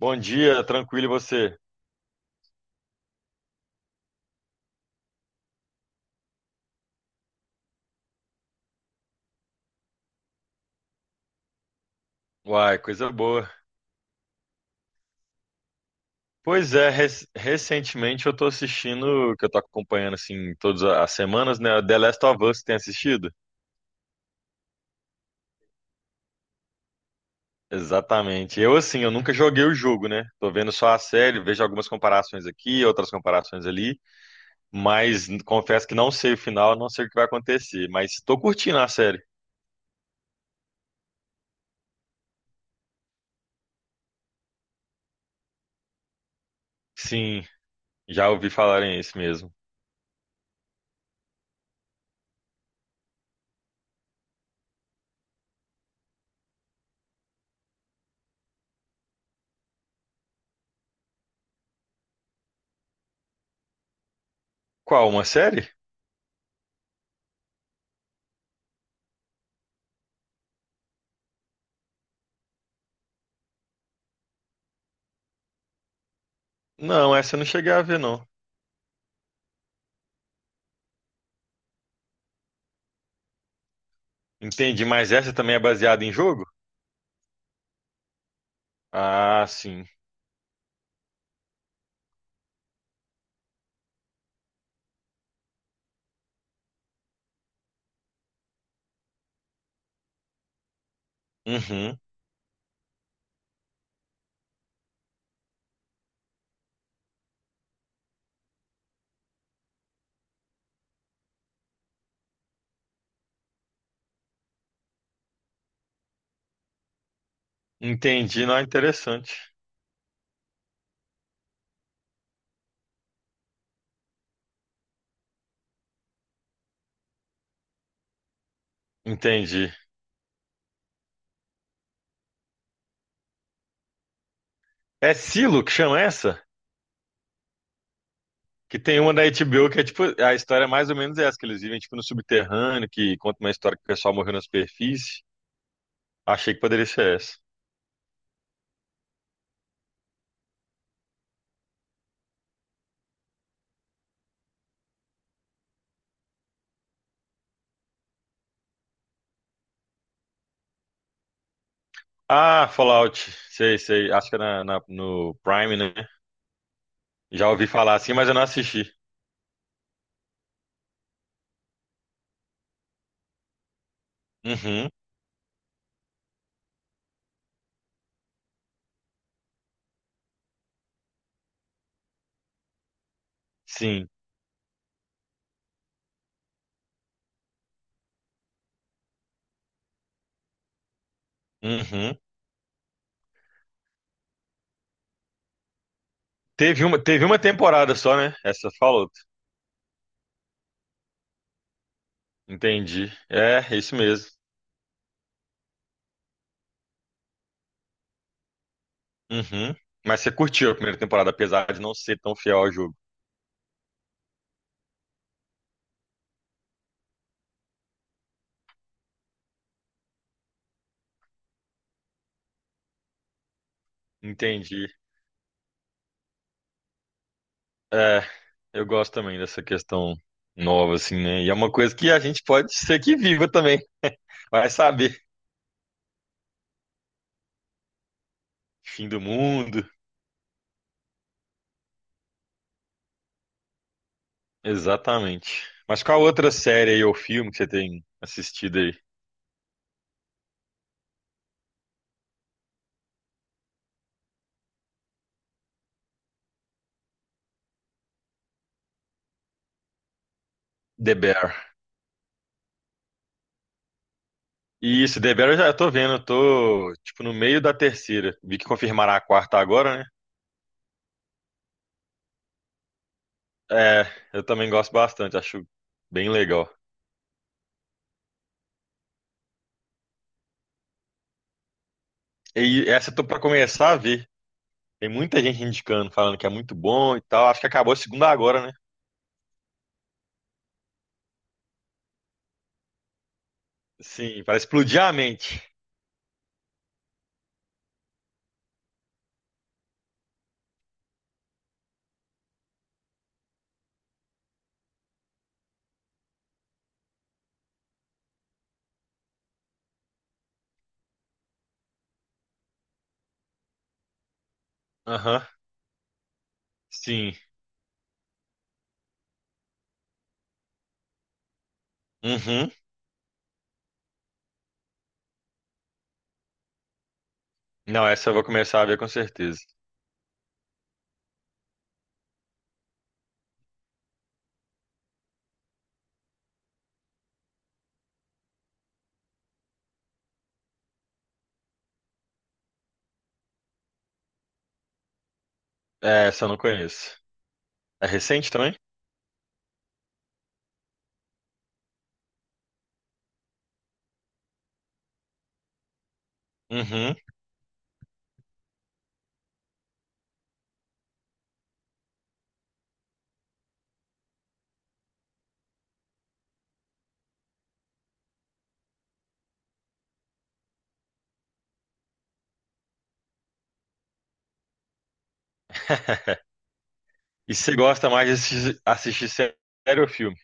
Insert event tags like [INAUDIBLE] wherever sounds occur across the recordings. Bom dia, tranquilo e você? Uai, coisa boa. Pois é, recentemente eu tô assistindo, que eu tô acompanhando assim todas as semanas, né? The Last of Us, tem assistido? Exatamente. Eu assim, eu nunca joguei o jogo, né? Tô vendo só a série, vejo algumas comparações aqui, outras comparações ali, mas confesso que não sei o final, não sei o que vai acontecer, mas tô curtindo a série. Sim, já ouvi falarem isso mesmo. Qual, uma série? Não, essa eu não cheguei a ver, não. Entendi, mas essa também é baseada em jogo? Ah, sim. Uhum. Entendi, não é interessante. Entendi. É Silo que chama essa? Que tem uma da HBO que é tipo, a história é mais ou menos essa, que eles vivem tipo no subterrâneo, que conta uma história que o pessoal morreu na superfície. Achei que poderia ser essa. Ah, Fallout. Sei, sei. Acho que é no Prime, né? Já ouvi falar assim, mas eu não assisti. Uhum, sim. Uhum. Teve uma temporada só, né? Essa Fallout. Entendi. É, é isso mesmo. Uhum. Mas você curtiu a primeira temporada, apesar de não ser tão fiel ao jogo. Entendi. É, eu gosto também dessa questão nova, assim, né? E é uma coisa que a gente pode ser que viva também. Vai saber. Fim do mundo. Exatamente. Mas qual outra série aí ou filme que você tem assistido aí? The Bear. Isso, The Bear eu já tô vendo, eu tô, tipo, no meio da terceira. Vi que confirmará a quarta agora, né? É, eu também gosto bastante, acho bem legal. E essa eu tô pra começar a ver. Tem muita gente indicando, falando que é muito bom e tal. Acho que acabou a segunda agora, né? Sim, para explodir a mente. Aham, sim. Uhum. Não, essa eu vou começar a ver com certeza. É, essa eu não conheço. É recente também? Uhum. [LAUGHS] E você gosta mais de assistir, assistir série ou filme?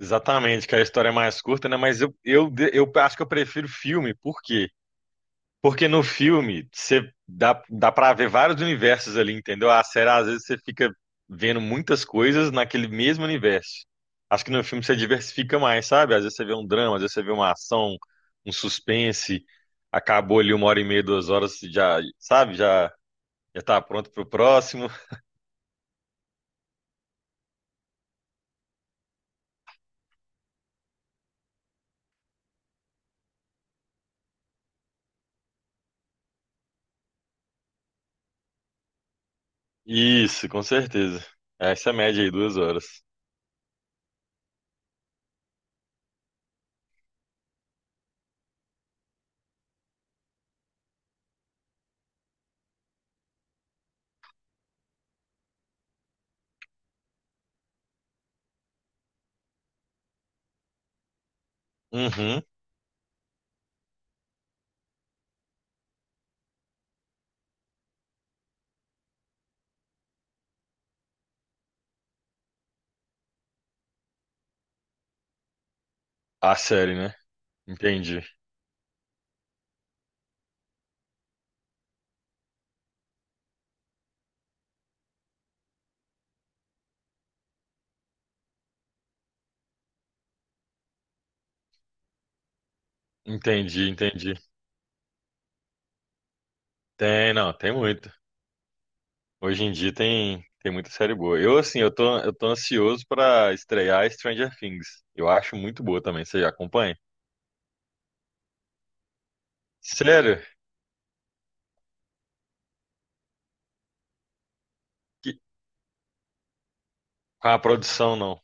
Exatamente, que a história é mais curta, né? Mas eu acho que eu prefiro filme, porque porque no filme, você dá pra ver vários universos ali, entendeu? A série, às vezes, você fica vendo muitas coisas naquele mesmo universo. Acho que no filme você diversifica mais, sabe? Às vezes você vê um drama, às vezes você vê uma ação, um suspense. Acabou ali uma hora e meia, duas horas, você já, sabe? Já tá pronto pro próximo. Isso, com certeza. Essa é a média aí, duas horas. Uhum. A série, né? Entendi. Entendi, entendi. Tem, não, tem muito. Hoje em dia tem muita série boa. Eu, assim, eu tô ansioso pra estrear Stranger Things. Eu acho muito boa também. Você já acompanha? Sério? Que... Com a produção, não.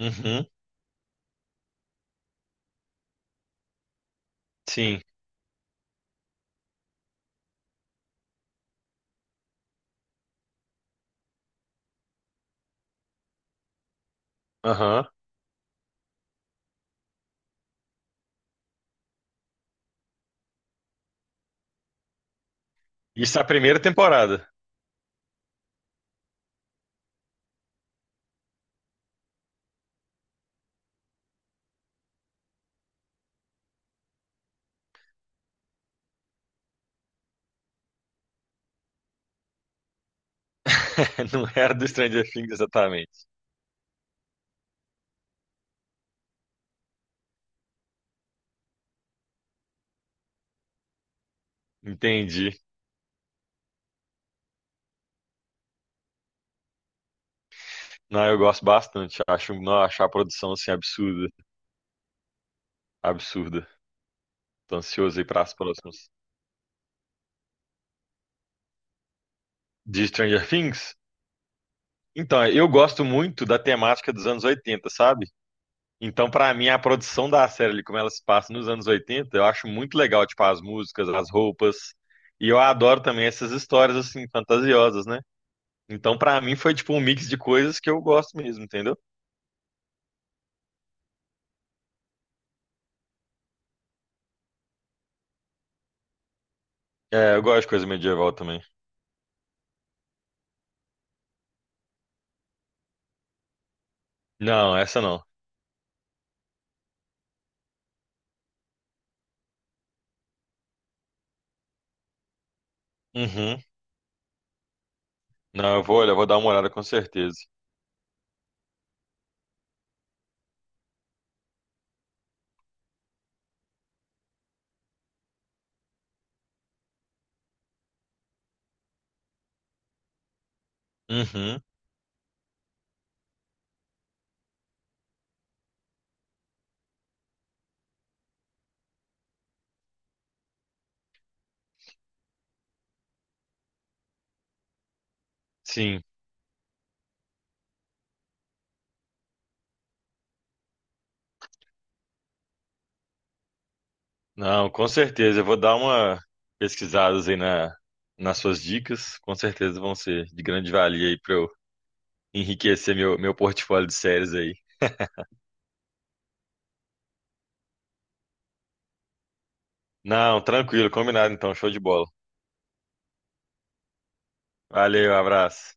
Uhum, sim. Aham. Isso é a primeira temporada. [LAUGHS] Não era do Stranger Things exatamente. Entendi. Não, eu gosto bastante. Acho, não, acho a produção, assim, absurda. Absurda. Tô ansioso aí pras próximas. De Stranger Things? Então, eu gosto muito da temática dos anos 80, sabe? Então, pra mim, a produção da série, ali, como ela se passa nos anos 80, eu acho muito legal, tipo, as músicas, as roupas. E eu adoro também essas histórias, assim, fantasiosas, né? Então, pra mim, foi, tipo, um mix de coisas que eu gosto mesmo, entendeu? É, eu gosto de coisa medieval também. Não, essa não. Uhum. Não, eu vou, olha, eu vou dar uma olhada com certeza. Uhum. Sim. Não, com certeza. Eu vou dar uma pesquisada aí nas suas dicas. Com certeza vão ser de grande valia aí pra eu enriquecer meu portfólio de séries aí. Não, tranquilo, combinado então, show de bola. Valeu, abraço.